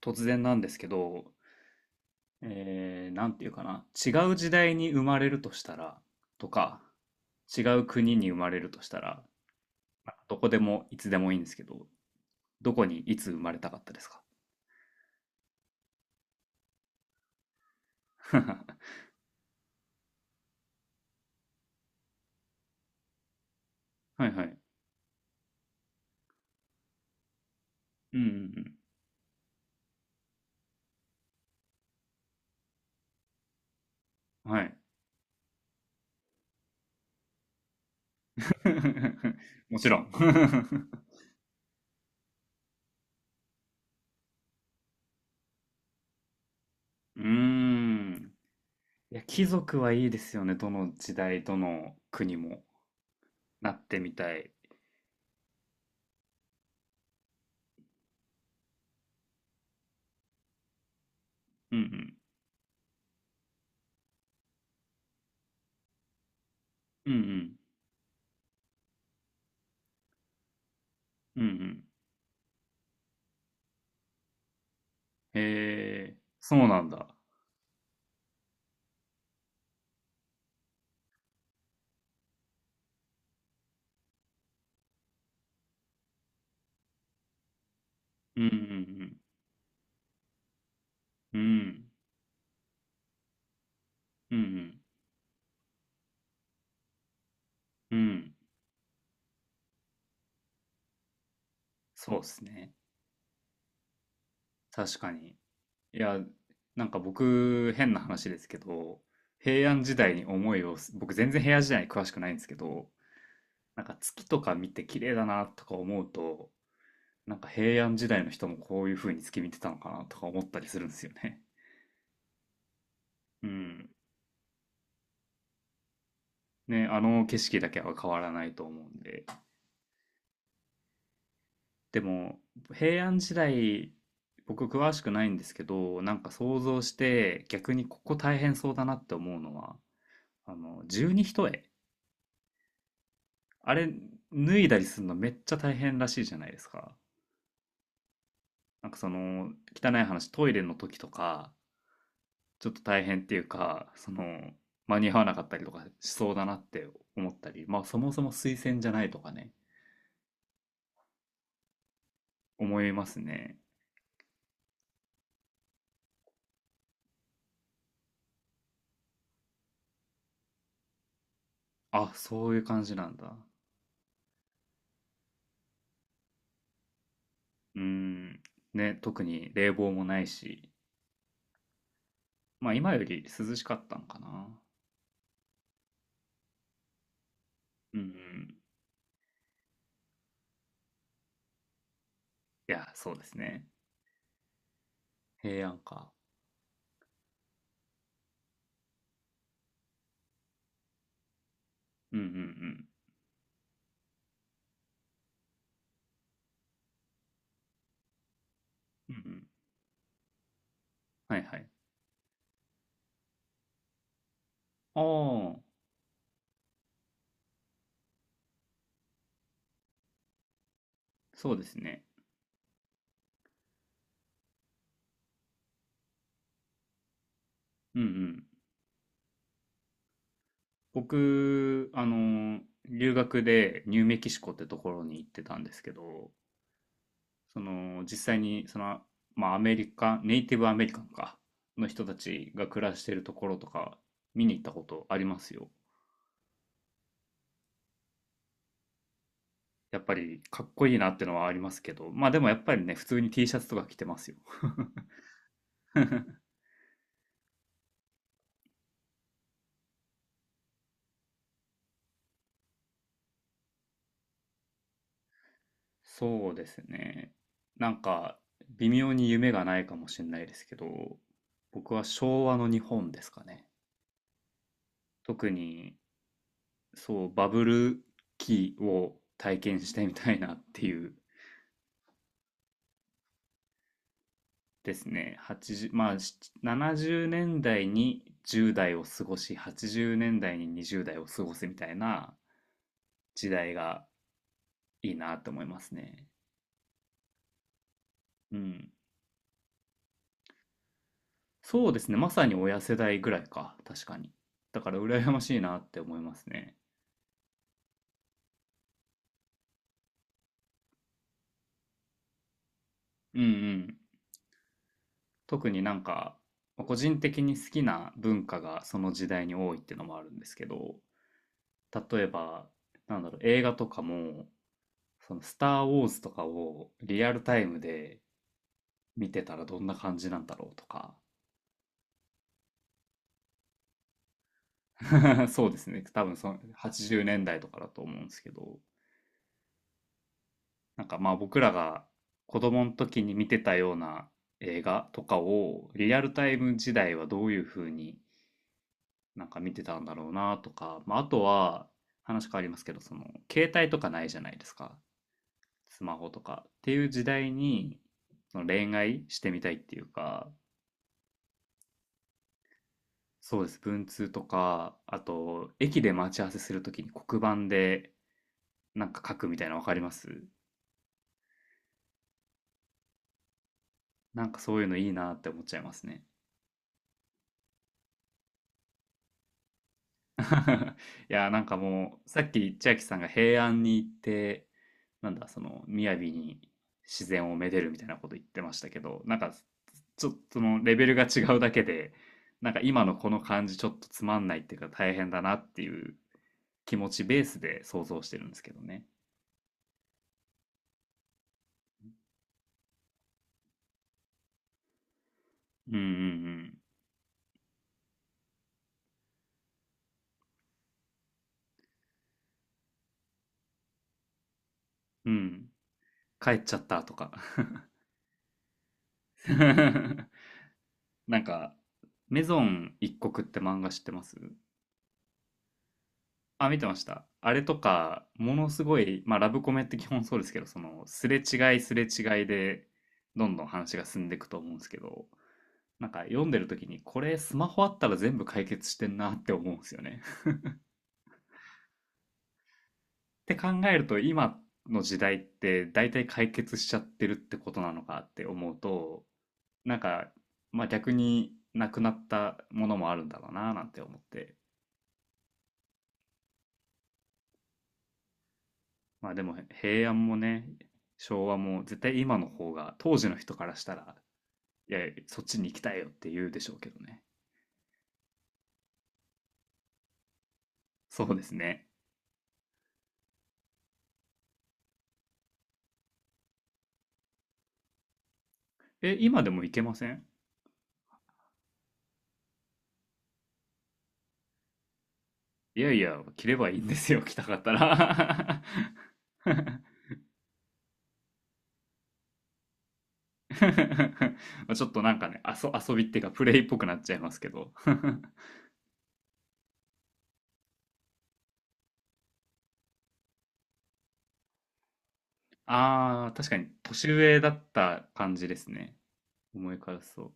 突然なんですけど、なんていうかな、違う時代に生まれるとしたら、とか、違う国に生まれるとしたら、まあどこでもいつでもいいんですけど、どこにいつ生まれたかったですか？ はいはい。うんうんうん。はい。もちろん。うーん。いや、貴族はいいですよね。どの時代、どの国もなってみたい。うんうん。うんうん。うんうん。へえ、そうなんだ。うんうんうん。うん、うん、うん、うん、そうですね。確かに。いや、なんか僕、変な話ですけど、平安時代に思いをす、僕全然平安時代に詳しくないんですけど、なんか月とか見て綺麗だなとか思うと、なんか平安時代の人もこういう風に月見てたのかなとか思ったりするんですよね。うん。ね、あの景色だけは変わらないと思うんで。でも平安時代、僕詳しくないんですけど、なんか想像して逆にここ大変そうだなって思うのは、あの十二単、あれ脱いだりするのめっちゃ大変らしいじゃないですか。なんかその、汚い話、トイレの時とかちょっと大変っていうか、その、間に合わなかったりとかしそうだなって思ったり。まあそもそも推薦じゃないとかね。思いますね。あ、そういう感じなんだ。うーん。ね、特に冷房もないし。まあ、今より涼しかったんかな。うんうん。いや、そうですね。平安か。うんうんうん。うんうん。はいはい。ああ、そうですね。うんうん。僕、留学でニューメキシコってところに行ってたんですけど、その、実際に、その、まあ、アメリカ、ネイティブアメリカンか、の人たちが暮らしてるところとか、見に行ったことありますよ。やっぱり、かっこいいなってのはありますけど、まあでもやっぱりね、普通に T シャツとか着てますよ。そうですね。なんか、微妙に夢がないかもしれないですけど、僕は昭和の日本ですかね。特に、そう、バブル期を体験してみたいなっていうですね。80、まあ、70年代に10代を過ごし、80年代に20代を過ごすみたいな時代がいいなと思いますね。うん。そうですね。まさに親世代ぐらいか。確かに。だから羨ましいなって思いますね。うんうん。特になんか、まあ個人的に好きな文化がその時代に多いっていうのもあるんですけど、例えば、なんだろう、映画とかも、そのスター・ウォーズとかをリアルタイムで見てたらどんな感じなんだろうとか、そうですね。多分その80年代とかだと思うんですけど、なんかまあ僕らが子供の時に見てたような映画とかをリアルタイム時代はどういう風になんか見てたんだろうなとか、まあ、あとは話変わりますけど、その携帯とかないじゃないですか。スマホとかっていう時代にその恋愛してみたいっていうか。そうです。文通とかあと駅で待ち合わせする時に黒板でなんか書くみたいなの分かります？なんかそういうのいいなって思っちゃいますね。いや、なんかもう、さっき千秋さんが平安に行って、なんだ、その、雅に自然をめでるみたいなこと言ってましたけど、なんか、ちょっとそのレベルが違うだけで、なんか今のこの感じちょっとつまんないっていうか大変だなっていう気持ちベースで想像してるんですけどね。うんうんうん。うん。帰っちゃったとか。なんか、メゾン一国って漫画知ってます？あ、見てました。あれとか、ものすごい、まあ、ラブコメって基本そうですけど、その、すれ違いすれ違いで、どんどん話が進んでいくと思うんですけど、なんか読んでる時に、これスマホあったら全部解決してんなって思うんですよね。って考えると、今の時代って大体解決しちゃってるってことなのかって思うと、なんか、まあ逆になくなったものもあるんだろうななんて思って。まあでも平安もね、昭和も絶対今の方が当時の人からしたら、いやいや、そっちに行きたいよって言うでしょうけどね。そうですね。え、今でも行けません？いやいや、着ればいいんですよ、着たかったら。ちょっとなんかね、遊びっていうか、プレイっぽくなっちゃいますけど。ああ、確かに、年上だった感じですね。思い返すと。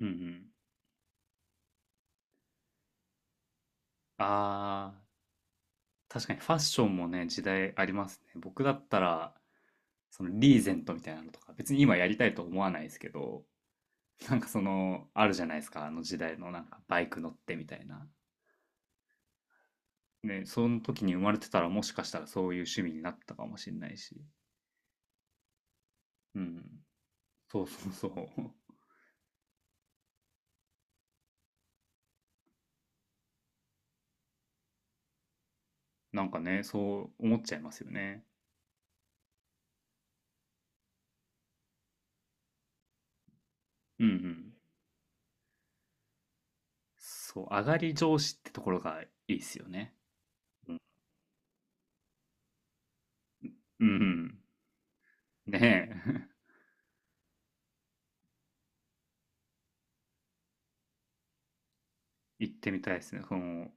うんうん。ああ、確かにファッションもね、時代ありますね。僕だったら、そのリーゼントみたいなのとか、別に今やりたいと思わないですけど、なんかその、あるじゃないですか、あの時代のなんかバイク乗ってみたいな。ね、その時に生まれてたらもしかしたらそういう趣味になったかもしれないし。うん。そうそうそう。なんかね、そう思っちゃいますよね。うんうん。そう、上がり調子ってところがいいっすよね。うん。うんうん。ねえ。行ってみたいですね。その、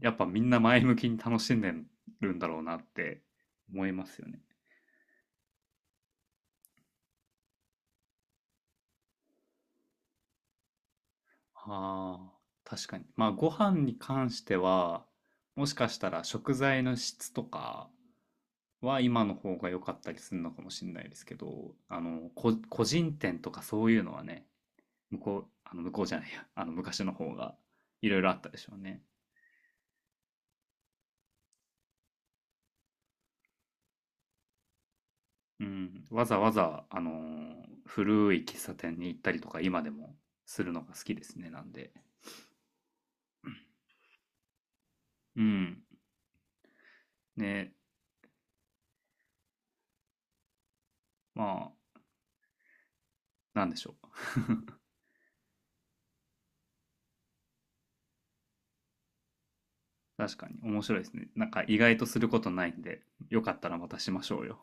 やっぱみんな前向きに楽しんでるんだろうなって思いますよね。ああ、確かに。まあ、ご飯に関しては、もしかしたら食材の質とかは今の方が良かったりするのかもしれないですけど、個人店とかそういうのはね、向こう、向こうじゃないや、昔の方がいろいろあったでしょうね。うん。わざわざ、古い喫茶店に行ったりとか今でもするのが好きですね、なんで。うん。ね、まあ、なんでしょう。確かに面白いですね。なんか意外とすることないんで、よかったらまたしましょうよ。